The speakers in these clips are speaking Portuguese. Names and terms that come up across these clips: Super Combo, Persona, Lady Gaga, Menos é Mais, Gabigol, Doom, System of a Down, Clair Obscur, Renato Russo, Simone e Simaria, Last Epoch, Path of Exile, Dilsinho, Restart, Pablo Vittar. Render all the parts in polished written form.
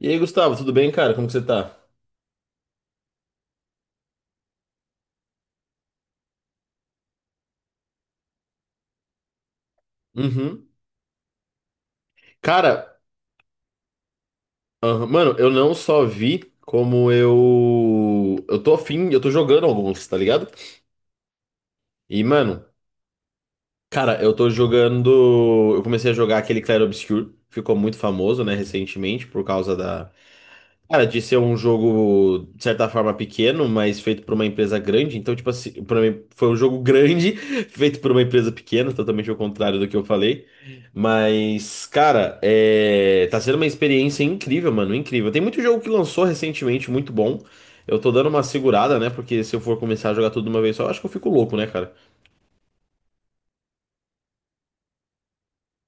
E aí, Gustavo, tudo bem, cara? Como que você tá? Uhum. Cara, aham, mano, eu não só vi como eu. eu tô afim, eu tô jogando alguns, tá ligado? E, mano, cara, eu tô jogando. Eu comecei a jogar aquele Clair Obscur, ficou muito famoso, né, recentemente, por causa da. Cara, de ser um jogo, de certa forma, pequeno, mas feito por uma empresa grande. Então, tipo assim, pra mim foi um jogo grande, feito por uma empresa pequena, totalmente ao contrário do que eu falei. Mas, cara, tá sendo uma experiência incrível, mano, incrível. Tem muito jogo que lançou recentemente, muito bom. Eu tô dando uma segurada, né? Porque se eu for começar a jogar tudo de uma vez só, eu acho que eu fico louco, né, cara?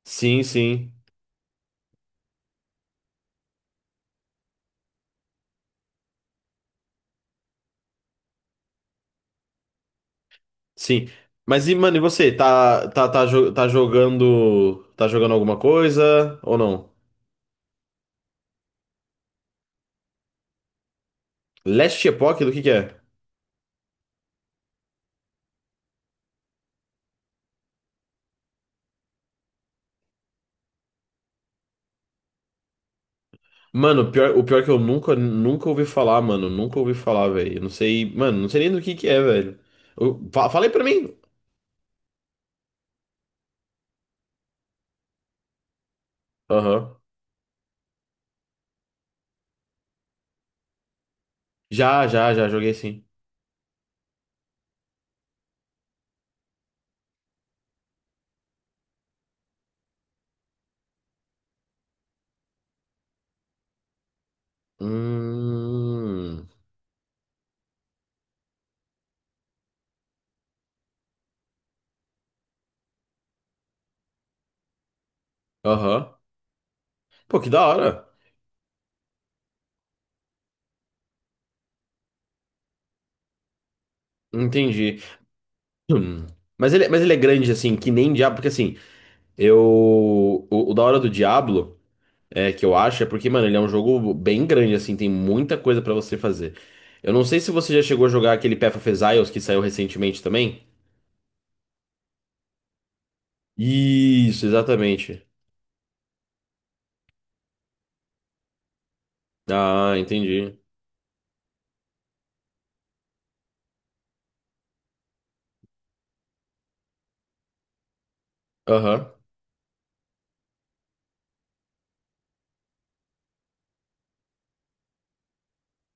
Sim, sim, sim. Mas e, mano, e você? Tá jogando. Tá jogando alguma coisa ou não? Last Epoch, do que é? Mano, o pior é que eu nunca ouvi falar, mano. Nunca ouvi falar, velho. Eu não sei, mano, não sei nem do que é, velho. Fala aí pra mim. Aham. Já, joguei sim. Hum. Aham. Pô, que da hora. Entendi. Hum. Mas ele é grande, assim, que nem Diablo, porque assim, eu. O da hora do Diablo. É, que eu acho, é porque, mano, ele é um jogo bem grande, assim, tem muita coisa pra você fazer. Eu não sei se você já chegou a jogar aquele Path of Exiles que saiu recentemente também. Isso, exatamente. Ah, entendi. Aham,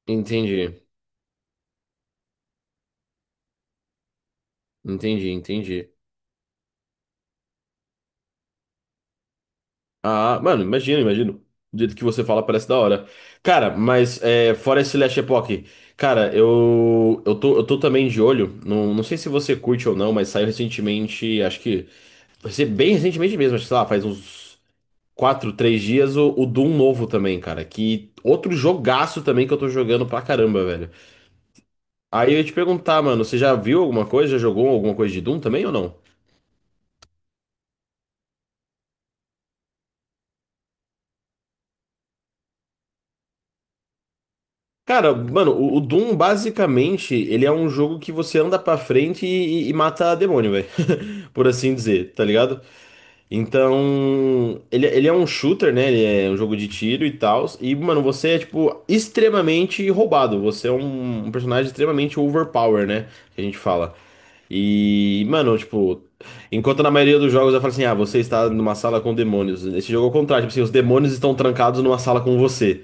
entendi. Entendi, entendi. Ah, mano, imagino, imagino. Do jeito que você fala, parece da hora. Cara, mas é, fora esse Last Epoch, cara, eu tô também de olho. Não, não sei se você curte ou não, mas saiu recentemente, acho que. Vai ser bem recentemente mesmo, acho que, sei lá, faz uns. Quatro, três dias, o Doom novo também, cara. Que outro jogaço também que eu tô jogando pra caramba, velho. Aí eu ia te perguntar, mano, você já viu alguma coisa? Já jogou alguma coisa de Doom também ou não? Cara, mano, o Doom basicamente ele é um jogo que você anda pra frente e mata demônio, velho. Por assim dizer, tá ligado? Então, ele é um shooter, né? Ele é um jogo de tiro e tal. E, mano, você é, tipo, extremamente roubado. Você é um personagem extremamente overpower, né? Que a gente fala. E, mano, tipo, enquanto na maioria dos jogos eu falo assim, ah, você está numa sala com demônios. Nesse jogo é o contrário, tipo assim, os demônios estão trancados numa sala com você.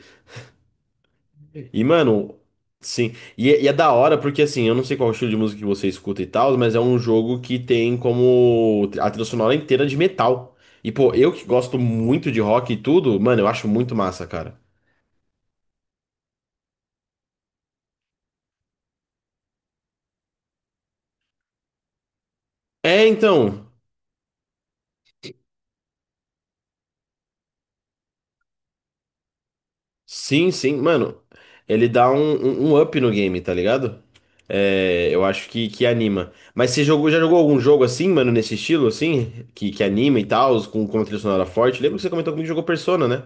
E, mano, sim. E, é da hora porque, assim, eu não sei qual é o estilo de música que você escuta e tal, mas é um jogo que tem como a trilha sonora inteira de metal. E, pô, eu que gosto muito de rock e tudo, mano, eu acho muito massa, cara. É, então. Sim, sim, mano. Ele dá um up no game, tá ligado? É, eu acho que anima. Mas você jogou, já jogou algum jogo assim, mano, nesse estilo, assim? Que anima e tal, com uma trilha sonora forte? Lembro que você comentou comigo que jogou Persona, né?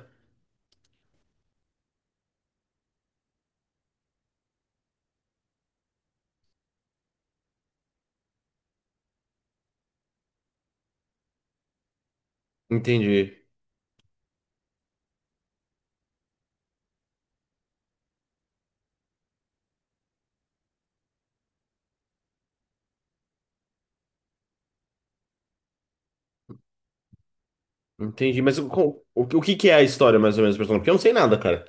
Entendi. Entendi. Mas o que que é a história, mais ou menos, do Persona? Porque eu não sei nada, cara.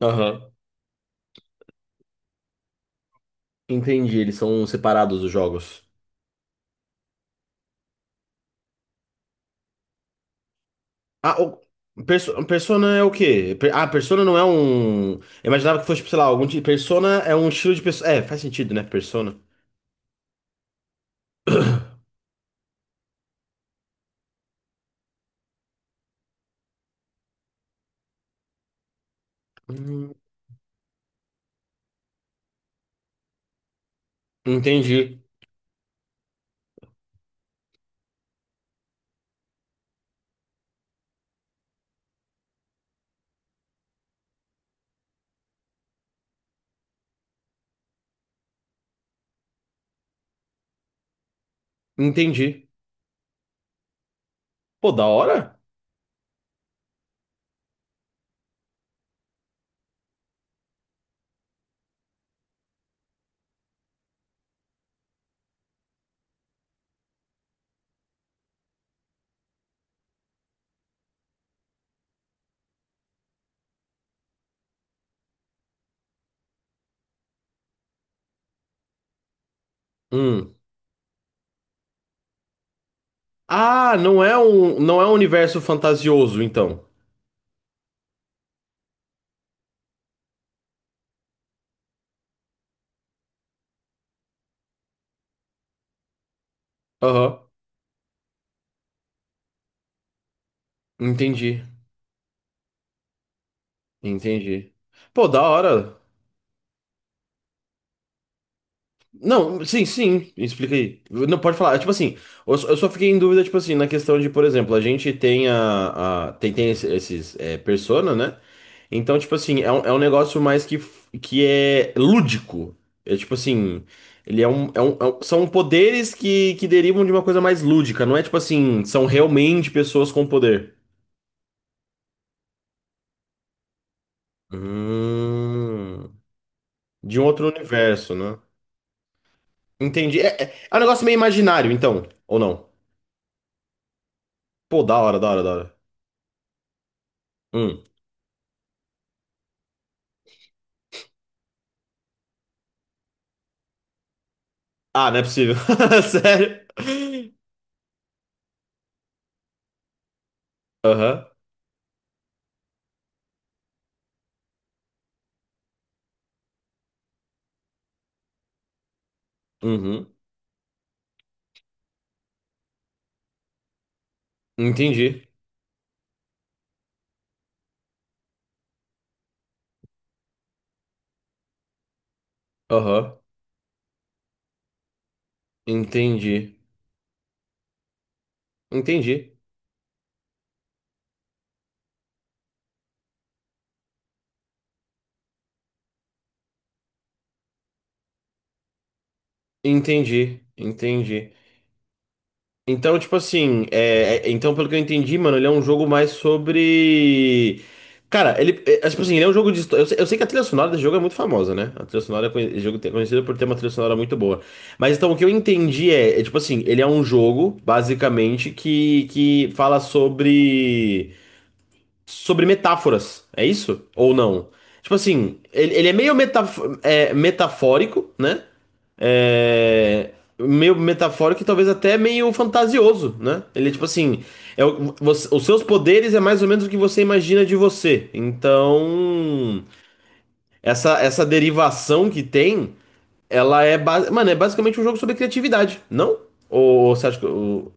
Aham. Entendi, eles são separados os jogos. Ah, o, Persona é o quê? Ah, Persona não é um. Eu imaginava que fosse, tipo, sei lá, algum tipo. Persona é um estilo de pessoa. É, faz sentido, né? Persona. Hum, Entendi, entendi. Pô, da hora. Hum. Ah, não é um, não é um universo fantasioso, então. Aham, entendi, entendi. Pô, da hora. Não, sim, sim, explica aí. Não, pode falar. É, tipo assim, eu só fiquei em dúvida, tipo assim, na questão de, por exemplo, a gente tem tem, tem esses, é, persona, né? Então, tipo assim, é um negócio mais que, que é lúdico. É tipo assim, ele é um, são poderes que derivam de uma coisa mais lúdica, não é tipo assim, são realmente pessoas com poder. Hum, de um outro universo, né? Entendi. É, é, é um negócio meio imaginário, então, ou não? Pô, da hora, da hora, da hora. Hum. Ah, não é possível. Sério? Aham. Uhum. Entendi. Aham. Entendi. Entendi. Entendi. Entendi. Então, tipo assim, então, pelo que eu entendi, mano, ele é um jogo mais sobre. Cara, ele. É, é, tipo assim, ele é um jogo de história. Eu sei que a trilha sonora desse jogo é muito famosa, né? A trilha sonora é esse jogo é conhecido por ter uma trilha sonora muito boa. Mas então o que eu entendi é, é tipo assim, ele é um jogo, basicamente, que fala sobre. Sobre metáforas, é isso? Ou não? Tipo assim, ele é meio metaf é, metafórico, né? É, meio metafórico e talvez até meio fantasioso, né? Ele, tipo assim, é, os seus poderes é mais ou menos o que você imagina de você. Então, essa derivação que tem, ela é, mano, é basicamente um jogo sobre criatividade, não? Ou, você acha que eu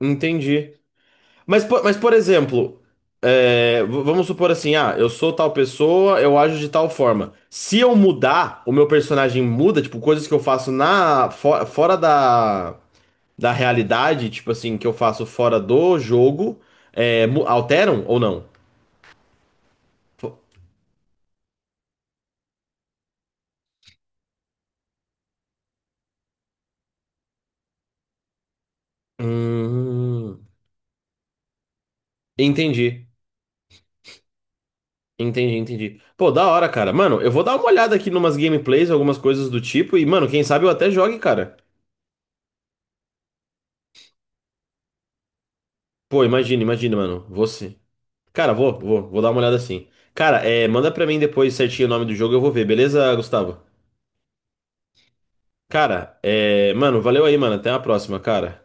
entendi? Mas, mas por exemplo, é, vamos supor assim, ah, eu sou tal pessoa, eu ajo de tal forma. Se eu mudar, o meu personagem muda, tipo, coisas que eu faço na fora da, da realidade, tipo assim, que eu faço fora do jogo, é, alteram ou não? Fo- Hum, entendi. Entendi, entendi. Pô, da hora, cara. Mano, eu vou dar uma olhada aqui numas gameplays, algumas coisas do tipo, e, mano, quem sabe eu até jogue, cara. Pô, imagina, imagina, mano. Você. Cara, vou dar uma olhada assim. Cara, é, manda pra mim depois certinho o nome do jogo, eu vou ver, beleza, Gustavo? Cara, é, mano, valeu aí, mano. Até a próxima, cara.